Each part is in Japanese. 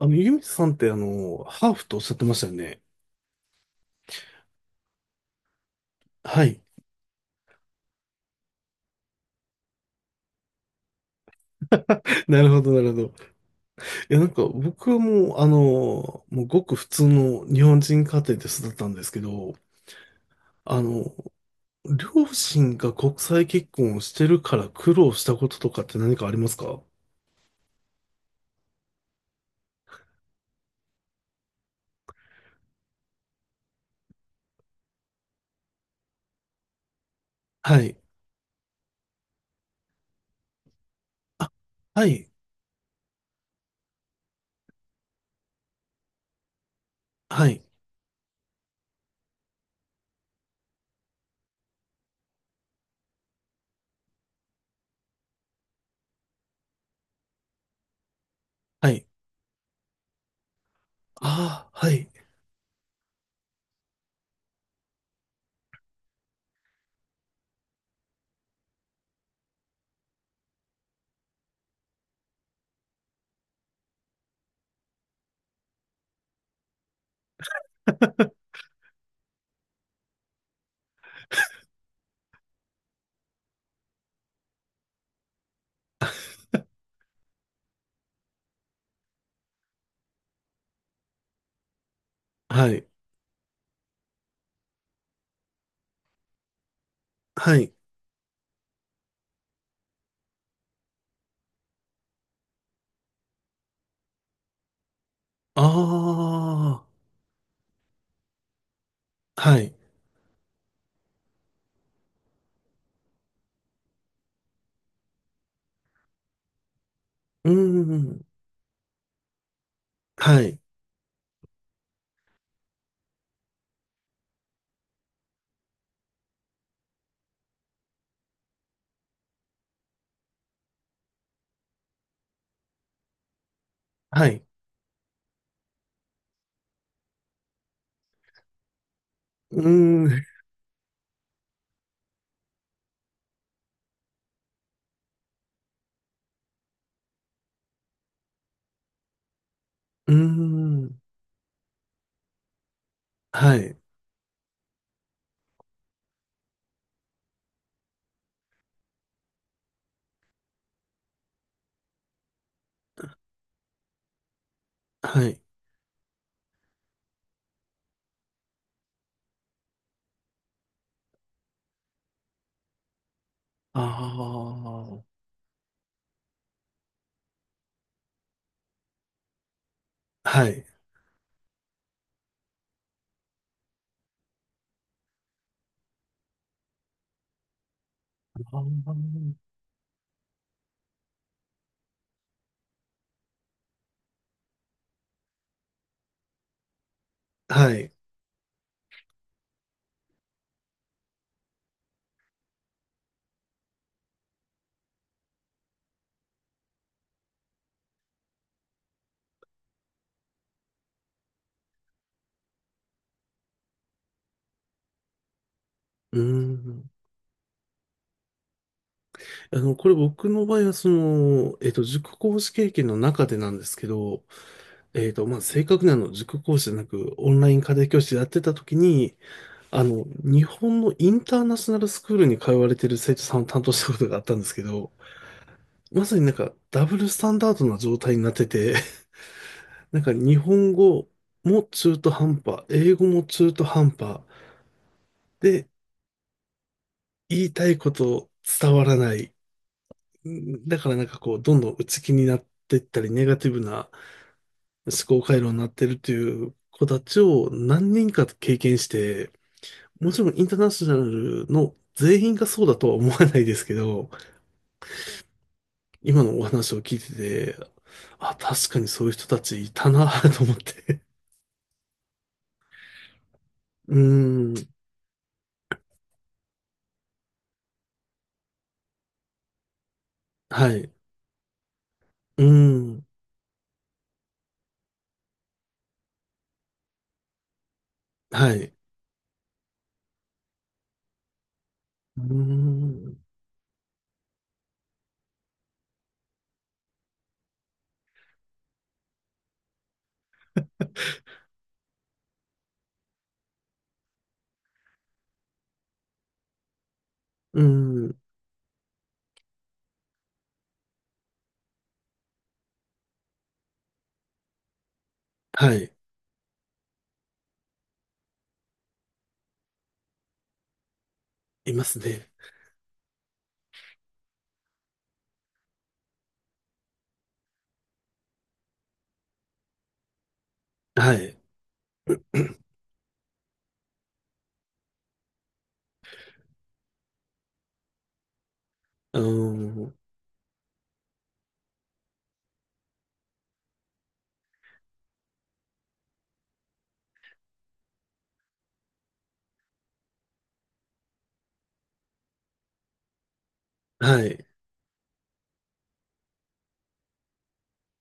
ゆみさんってハーフとおっしゃってましたよね。はい。なるほど、なるほど。いや、なんか僕はもうごく普通の日本人家庭で育ったんですけど、あの、両親が国際結婚をしてるから苦労したこととかって何かありますか？はい。はい。はい。はい。ああ、はい。はい。はい。ああ、はい。うーん。はい。はい。うーん。うーん。はい。はい。ああ、はい。あーはい。うーん。これ僕の場合は、塾講師経験の中でなんですけど、まあ、正確に塾講師じゃなく、オンライン家庭教師やってた時に、日本のインターナショナルスクールに通われてる生徒さんを担当したことがあったんですけど、まさになんか、ダブルスタンダードな状態になってて、なんか、日本語も中途半端、英語も中途半端、で、言いたいこと伝わらない。うんだからなんかこう、どんどん内気になっていったり、ネガティブな思考回路になってるという子たちを何人か経験して、もちろんインターナショナルの全員がそうだとは思わないですけど、今のお話を聞いてて、あ、確かにそういう人たちいたな と思って。うーん、はい。うーん、はい。うーん、うーん、はい。いますね。はい。うーん、はい。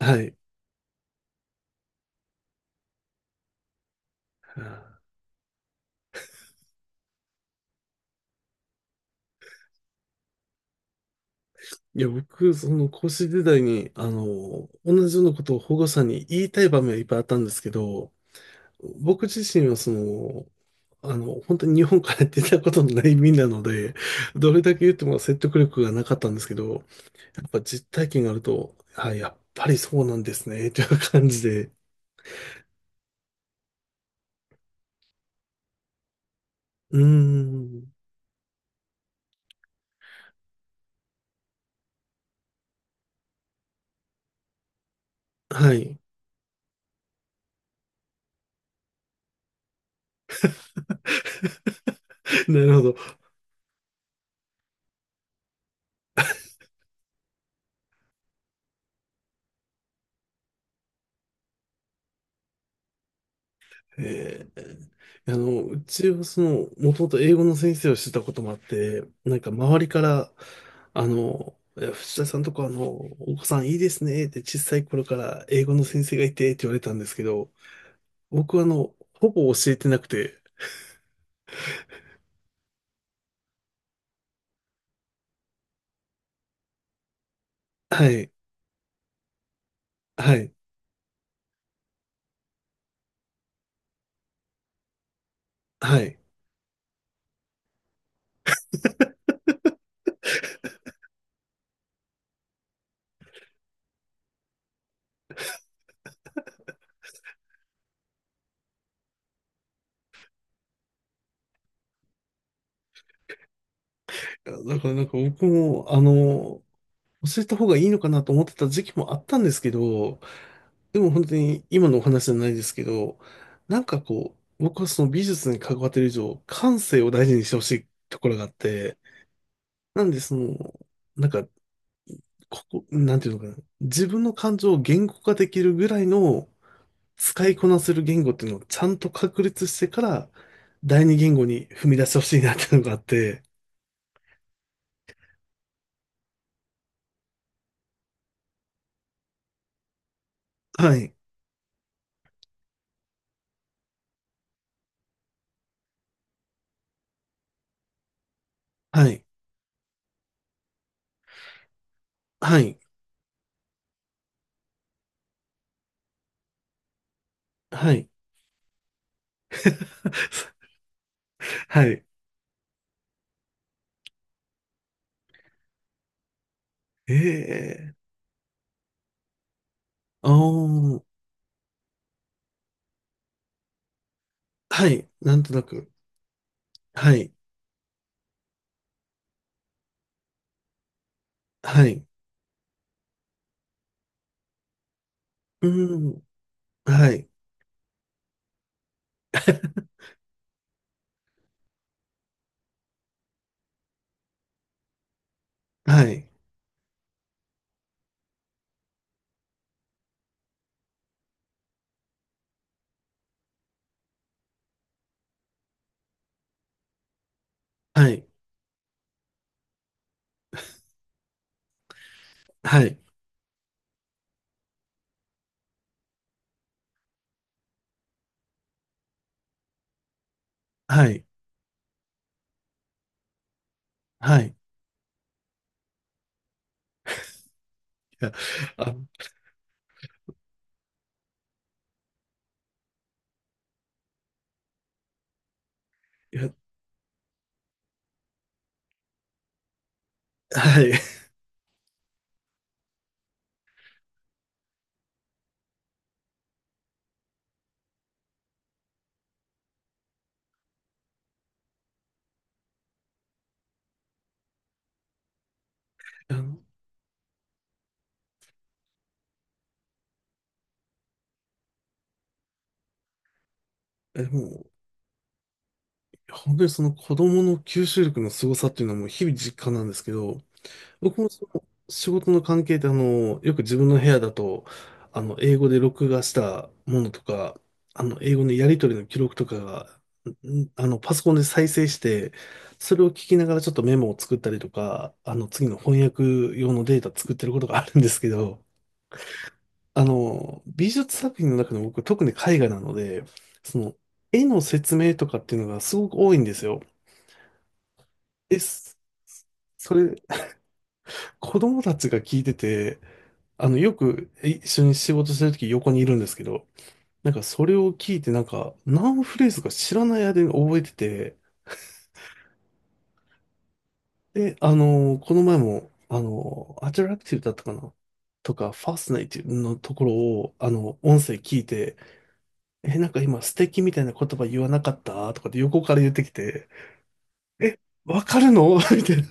はい。いや、僕、その講師時代に、同じようなことを保護者に言いたい場面はいっぱいあったんですけど、僕自身は本当に日本から出たことのない身なので、どれだけ言っても説得力がなかったんですけど、やっぱ実体験があると、はい、やっぱりそうなんですね、という感じで。うーん。はい。なるほど。ええ、うちはもともと英語の先生をしてたこともあって、なんか周りから、いや藤田さんとかお子さんいいですねって小さい頃から英語の先生がいてって言われたんですけど、僕はほぼ教えてなくて、はい、はい、はい。だからなんか僕も、教えた方がいいのかなと思ってた時期もあったんですけど、でも本当に今のお話じゃないですけど、なんかこう、僕はその美術に関わってる以上、感性を大事にしてほしいところがあって、なんでなんか、ここ、なんていうのかな、自分の感情を言語化できるぐらいの使いこなせる言語っていうのをちゃんと確立してから、第二言語に踏み出してほしいなっていうのがあって、はい、はい、はい、はい。はい。ええああー、はい、なんとなく。はい。はい。うーん。はい。はい。はい。はい。はい。はい。いや、あ、いや、はい。あの、もう、本当にその子供の吸収力の凄さっていうのはもう日々実感なんですけど、僕もその仕事の関係で、よく自分の部屋だと、英語で録画したものとか、英語のやり取りの記録とかが、パソコンで再生して、それを聞きながらちょっとメモを作ったりとか、次の翻訳用のデータ作ってることがあるんですけど、美術作品の中でも僕、特に絵画なので、その、絵の説明とかっていうのがすごく多いんですよ。です。それ、子供たちが聞いてて、よく一緒に仕事してるとき横にいるんですけど、なんかそれを聞いてなんか何フレーズか知らない間に覚えてて、で、この前も、アトラクティブだったかなとか、ファスナイティブのところを、音声聞いて、え、なんか今素敵みたいな言葉言わなかったとかって横から言ってきて、え、わかるの みたいな。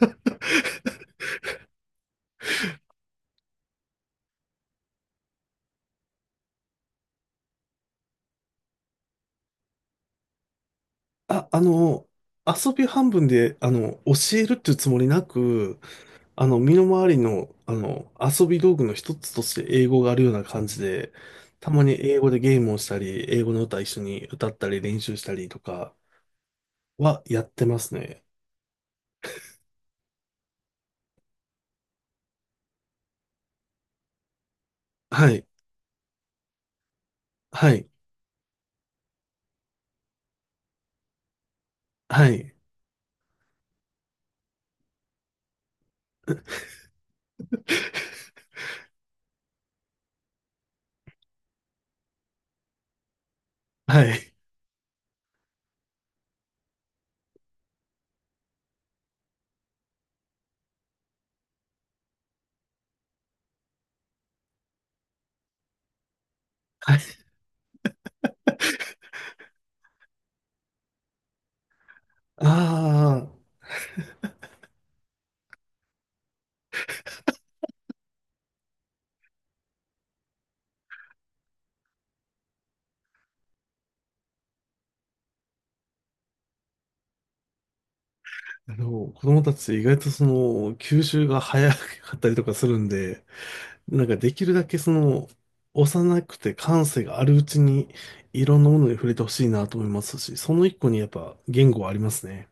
あ、遊び半分で、教えるっていうつもりなく、身の回りの、遊び道具の一つとして英語があるような感じで、たまに英語でゲームをしたり、英語の歌一緒に歌ったり練習したりとかはやってますね。はい、はい、はい、はい、はい。ああ、子供たち意外と吸収が早かったりとかするんで、なんかできるだけ幼くて感性があるうちに、いろんなものに触れてほしいなと思いますし、その一個にやっぱ言語はありますね。